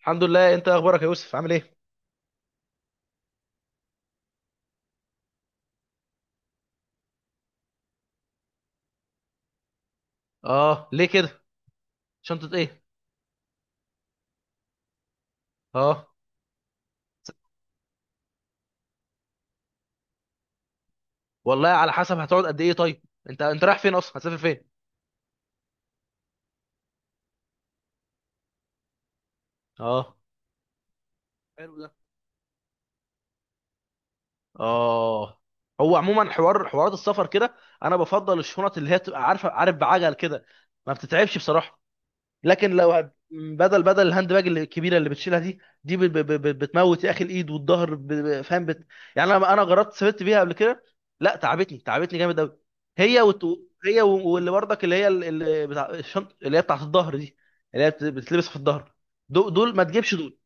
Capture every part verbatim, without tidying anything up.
الحمد لله. انت اخبارك يا يوسف؟ عامل ايه؟ اه، ليه كده؟ شنطه ايه؟ اه، والله على حسب. هتقعد قد ايه طيب؟ انت انت رايح فين اصلا؟ هتسافر فين؟ اه، حلو ده. اه، هو عموما حوار حوارات السفر كده، انا بفضل الشنط اللي هي تبقى عارفه عارف بعجل كده، ما بتتعبش بصراحه. لكن لو هت- بدل بدل الهاند باج اللي- الكبيره اللي بتشيلها دي دي ب- ب- ب- بتموت يا اخي الايد والظهر، ب- ب- فاهم بت... يعني انا انا جربت سافرت بيها قبل كده، لا تعبتني تعبتني جامد قوي. هي وت... هي و- واللي برضك اللي هي ال- اللي بتاع الشنط اللي هي بتاعت الظهر دي، اللي هي بت- بتلبس في الظهر، دول, دول ما تجيبش دول.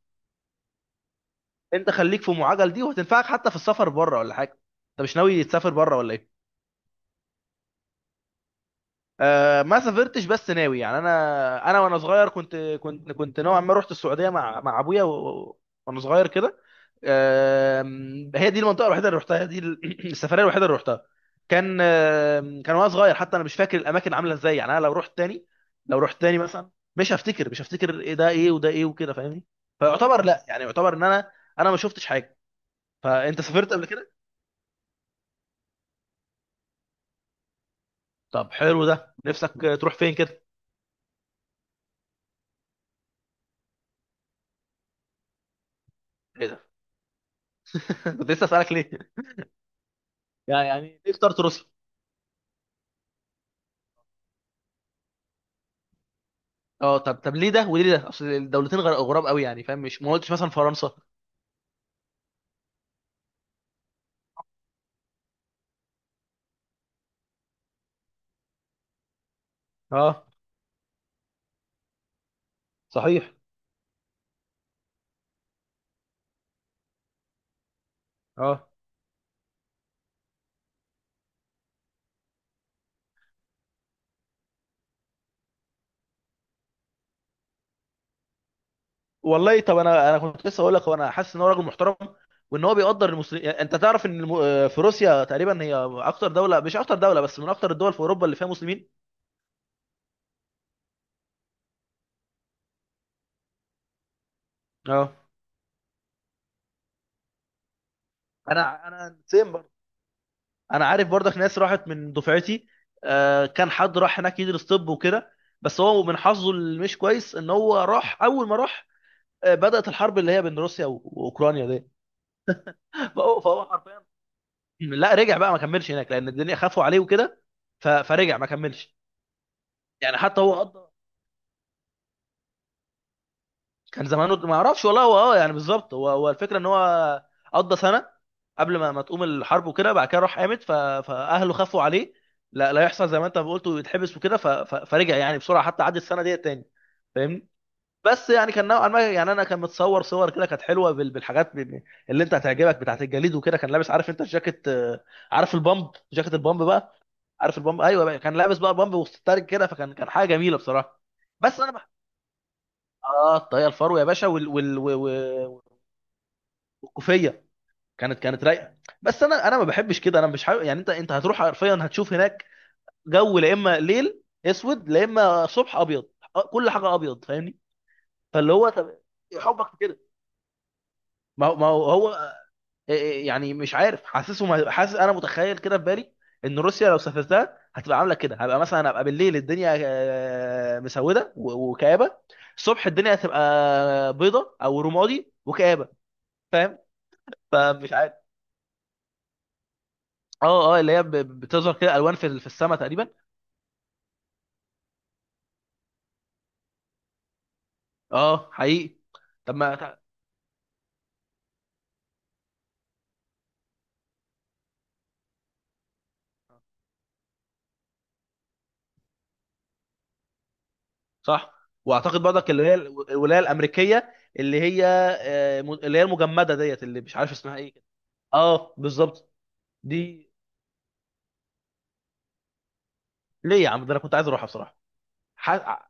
انت خليك في ام عجل دي وهتنفعك حتى في السفر بره ولا حاجه. انت مش ناوي تسافر بره ولا ايه؟ آه، ما سافرتش بس ناوي. يعني انا انا وانا صغير كنت كنت كنت نوعا ما رحت السعوديه مع مع ابويا و- وانا صغير كده. آم، هي دي المنطقه الوحيده اللي رحتها، هي دي ال- السفريه الوحيده اللي رحتها. كان آم، كان وانا صغير، حتى انا مش فاكر الاماكن عامله ازاي. يعني انا لو رحت تاني، لو رحت تاني مثلا، مش هفتكر مش هفتكر إيه ده ايه وده ايه وكده. فاهمني؟ فيعتبر، لا، يعني يعتبر ان انا، انا ما شفتش حاجه. فانت سافرت قبل كده؟ طب حلو ده، نفسك تروح فين كده؟ ايه ده؟ كنت لسه اسالك ليه. يعني يعني ليه اخترت روسيا؟ اه، طب طب ليه ده وليه ده؟ اصل الدولتين غر- غراب قوي يعني، فاهم؟ مش ما قلتش مثلا فرنسا. اه، صحيح. اه والله. طب انا انا كنت لسه اقول لك وانا حاسس ان هو راجل محترم، وان هو بيقدر المسلمين. يعني انت تعرف ان الم... آه، في روسيا تقريبا هي اكتر دوله، مش اكتر دوله بس، من اكتر الدول في اوروبا اللي فيها مسلمين. اه، انا انا سيم برضه. انا عارف برضك ناس راحت من دفعتي، آه، كان حد راح هناك يدرس طب وكده، بس هو من حظه اللي مش كويس ان هو راح اول ما راح، آه، بدأت الحرب اللي هي بين روسيا و- واوكرانيا دي. فهو فهو حرفيا، لا، رجع بقى ما كملش هناك لان الدنيا خافوا عليه وكده، ف- فرجع ما كملش. يعني حتى هو قضى، كان زمانه ما اعرفش والله. هو اه يعني بالظبط هو هو الفكره ان هو قضى سنه قبل ما ما تقوم الحرب وكده، بعد كده راح قامت، ف- فاهله خافوا عليه لا لا يحصل زي ما انت ما قلت ويتحبس وكده، ف- ف- فرجع يعني بسرعه حتى عدى السنه ديت تاني. فاهمني؟ بس يعني كان نوعا ما، يعني انا كان متصور صور كده كانت حلوه بال- بالحاجات ب- ب- اللي انت هتعجبك بتاعت الجليد وكده. كان لابس عارف انت الجاكيت، آه، عارف البامب جاكيت، البامب بقى. عارف البامب؟ ايوه بقى. كان لابس بقى بامب وستارك كده، فكان كان حاجه جميله بصراحه. بس انا بح... اه، الطاقيه الفرو يا باشا وال... وال... وال... والكوفيه، كانت كانت رايقه. بس انا انا ما بحبش كده، انا مش حابب. يعني انت انت هتروح حرفيا هتشوف هناك جو، لا اما ليل اسود لا اما صبح ابيض، أ- كل حاجه ابيض. فاهمني؟ فاللي هو طب إيه حبك في كده؟ ما هو، ما هو هو، إيه، إيه، يعني مش عارف. حاسسه ما- حاسس انا متخيل كده في بالي ان روسيا لو سافرتها هتبقى عامله كده، هبقى مثلا ابقى بالليل الدنيا آه، مسوده و- وكآبه، الصبح الدنيا هتبقى بيضه او رمادي وكآبه، فاهم؟ فمش عارف. اه، اه، اللي هي ب- بتظهر كده الوان في في السماء تقريبا. اه، حقيقي. طب ما، صح. واعتقد برضك اللي هي ال- الولايه الامريكيه، اللي هي آه، م- اللي هي المجمده ديت اللي مش عارف اسمها ايه كده. اه بالظبط. دي ليه يا عم؟ ده انا كنت عايز اروحها بصراحه. ح-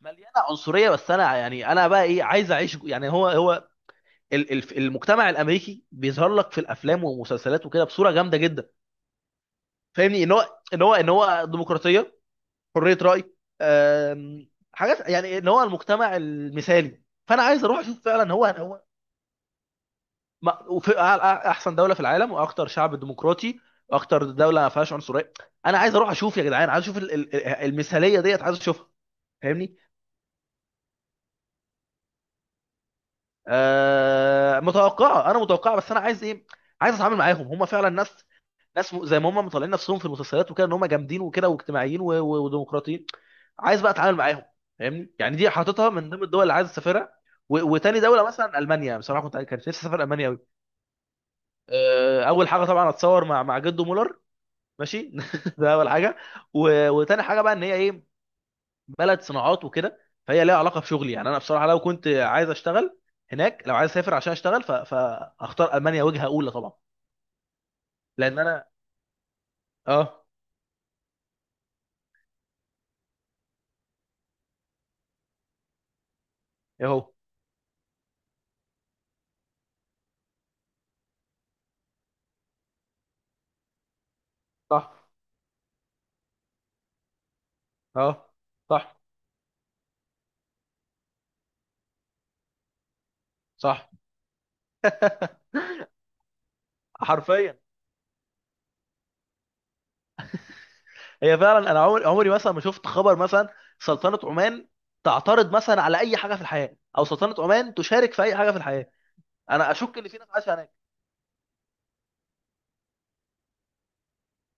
مليانه عنصريه، بس انا يعني انا بقى ايه، عايز اعيش جو- يعني هو هو ال- ال- المجتمع الامريكي بيظهر لك في الافلام والمسلسلات وكده بصوره جامده جدا، فاهمني؟ ان هو ان هو ان هو ديمقراطيه، حريه راي، آم، حاجات، يعني ان هو المجتمع المثالي. فانا عايز اروح اشوف فعلا هو هو، ما- وفي أع- أع- احسن دوله في العالم واكتر شعب ديمقراطي واكتر دوله ما فيهاش عنصريه. انا عايز اروح اشوف يا جدعان، عايز اشوف ال- ال- المثاليه ديت، عايز اشوفها. فاهمني؟ آه، متوقعه. انا متوقعه. بس انا عايز ايه؟ عايز اتعامل معاهم هم فعلا ناس، ناس م- زي ما هم مطلعين نفسهم في المسلسلات وكده ان هم جامدين وكده واجتماعيين و- و- وديمقراطيين. عايز بقى اتعامل معاهم، فاهمني؟ يعني دي حاططها من ضمن الدول اللي عايز اسافرها. و- وتاني دوله مثلا المانيا، بصراحه كنت كانت نفسي اسافر المانيا قوي. اول حاجه طبعا اتصور مع مع جدو مولر، ماشي ده اول حاجه. و... وتاني حاجه بقى ان هي ايه، بلد صناعات وكده، فهي ليها علاقه بشغلي. يعني انا بصراحه لو كنت عايز اشتغل هناك، لو عايز اسافر عشان اشتغل ف... فاختار المانيا وجهه اولى طبعا، لان انا، اه، اهو. صح، اه، صح، صح، حرفيا. هي فعلا انا عمري عمري مثلا ما شفت خبر مثلا سلطنه عمان تعترض مثلا على اي حاجه في الحياه، او سلطنه عمان تشارك في اي حاجه في الحياه. انا اشك ان في ناس عايشه هناك.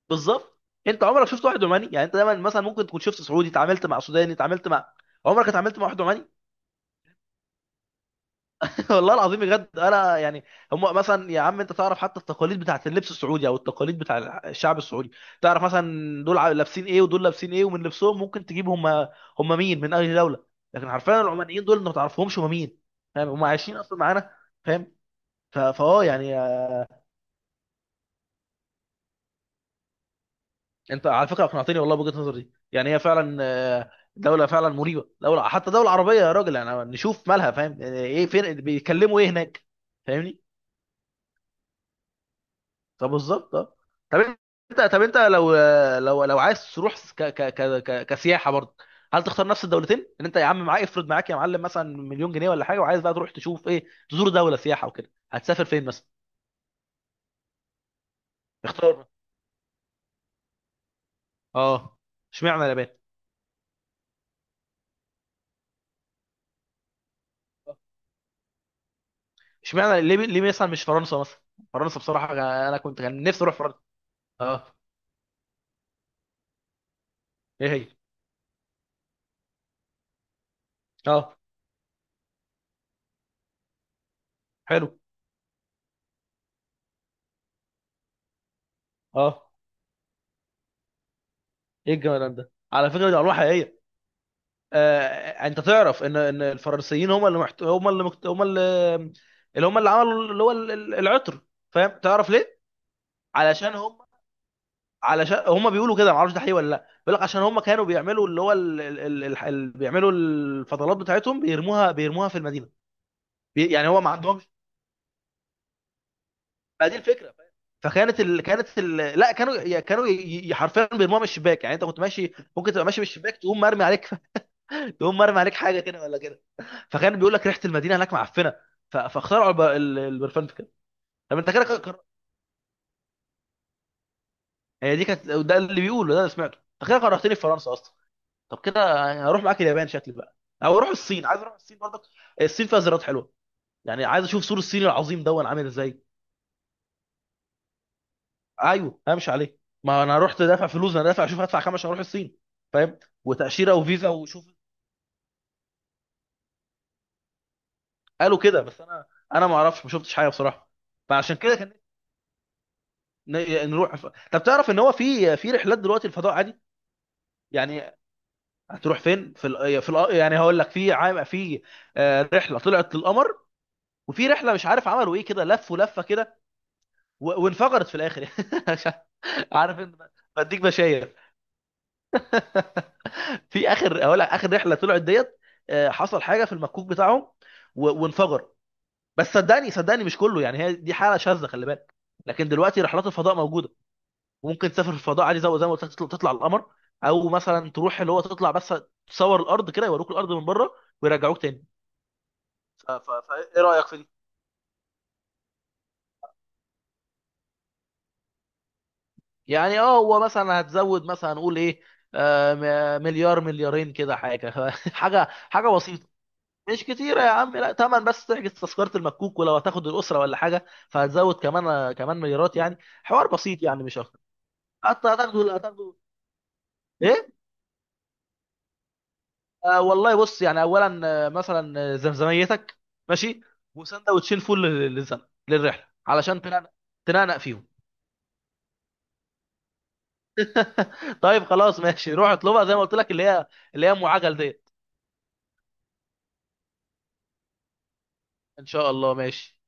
بالظبط، انت عمرك شفت واحد عماني؟ يعني انت دايما مثلا ممكن تكون شفت سعودي، اتعاملت مع سوداني، اتعاملت مع، عمرك اتعاملت مع واحد عماني؟ والله العظيم بجد انا يعني، هم مثلا يا عم انت تعرف حتى التقاليد بتاعت اللبس السعودي او التقاليد بتاع الشعب السعودي. تعرف مثلا دول عا- لابسين ايه ودول لابسين ايه، ومن لبسهم ممكن تجيب هم، هم مين من اي دوله. لكن حرفيا العمانيين دول انت ما تعرفهمش هم مين. فاهم؟ هم عايشين اصلا معانا. فاهم. ف- فاه يعني آه، انت على فكره اقنعتني والله بوجهه النظر دي. يعني هي فعلا آه، دوله فعلا مريبه، دوله حتى دوله عربيه يا راجل، يعني نشوف مالها. فاهم؟ يعني ايه، فين، بيتكلموا ايه هناك، فاهمني؟ طب بالظبط، اه، طب. انت طب انت لو، لو لو عايز تروح ك... ك... ك... ك... كسياحه برضه، هل تختار نفس الدولتين؟ ان انت يا عم معاك، افرض معاك يا معلم مثلا مليون جنيه ولا حاجه، وعايز بقى تروح تشوف ايه، تزور دوله سياحه وكده، هتسافر فين مثلا؟ اختار. اه، اشمعنى اليابان؟ اشمعنى، ليه ليه مثلا مش فرنسا مثلا؟ فرنسا بصراحه انا كنت كان نفسي اروح فرنسا. اه، ايه هي؟ اه، حلو. اه، ايه الجمال ده، على فكره دي ارواح حقيقيه. آه، انت تعرف ان ان الفرنسيين هم اللي محت... هم اللي مكت... هم اللي، اللي هم اللي عملوا اللي هو ال- ال- العطر. فاهم؟ تعرف ليه؟ علشان هم، علشان هم بيقولوا كده، ما اعرفش ده حقيقي ولا لا. بيقول لك عشان هم كانوا بيعملوا اللي هو ال... ال... ال... ال- ال- بيعملوا الفضلات بتاعتهم، بيرموها بيرموها في المدينه. بي... يعني هو ما عندهمش، ما دي الفكره. فاهم؟ فكانت ال... كانت ال... لا، كانوا ي- كانوا ي- ي- حرفيا بيرموها من الشباك، يعني انت كنت ماشي ممكن تبقى ماشي، من الشباك تقوم مرمي عليك، تقوم مرمي عليك حاجه كده ولا كده. فكان بيقول لك ريحه المدينه هناك معفنه، ف- فاخترعوا الب- ال- البرفان في كده. طب انت كده كر- هي دي كانت، ده اللي بيقوله، ده اللي سمعته. انت كده كرهتني في فرنسا اصلا. طب كده يعني هروح معاك اليابان شكلي بقى، او اروح الصين. عايز اروح الصين برضك، الصين فيها زيارات حلوه. يعني عايز اشوف سور الصين العظيم دون عامل ازاي. ايوه همشي عليه، ما انا رحت دافع فلوس، انا دافع اشوف هدفع كام عشان اروح الصين، فاهم؟ وتاشيره وفيزا وشوف. قالوا كده بس انا، انا ما اعرفش، ما شفتش حاجه بصراحه. فعشان كده كان ن- نروح ف... طب تعرف ان هو في في رحلات دلوقتي الفضاء عادي. يعني هتروح فين؟ في ال... آه، في ال... آه، يعني هقول لك في عام في آه، رحله طلعت للقمر، وفي رحله مش عارف عملوا ايه كده، لفوا لفه كده و... وانفجرت في الاخر. مش عارف انت، بديك بشاير. في اخر هقول لك اخر رحله طلعت ديت آه، حصل حاجه في المكوك بتاعهم و... وانفجر. بس صدقني صدقني مش كله، يعني هي دي حاله شاذه، خلي بالك. لكن دلوقتي رحلات الفضاء موجوده، وممكن تسافر في الفضاء عادي زي زي ما قلت لك، تطلع تطلع القمر، او مثلا تروح اللي هو تطلع بس، تصور الارض كده، يوروك الارض من بره ويرجعوك تاني. فايه رايك في دي؟ يعني اه هو مثلا هتزود مثلا نقول ايه، آه، م- مليار مليارين كده حاجه، حاجه حاجه بسيطه. مش كتيره يا عم، لا، تمن بس تحجز تذكره المكوك، ولو هتاخد الاسره ولا حاجه فهتزود كمان، آه، كمان مليارات يعني، حوار بسيط يعني مش اكتر. حتى هتاخده هتاخده. ايه؟ آه، والله بص يعني اولا آه، مثلا آه، زمزميتك، ماشي، وسندوتشين فول لل- للزمن، للرحله علشان تنقنق، تنقنق فيهم. طيب خلاص ماشي، روح اطلبها زي ما قلت لك، اللي هي، اللي هي ام عجل ديت. ان شاء الله، ماشي.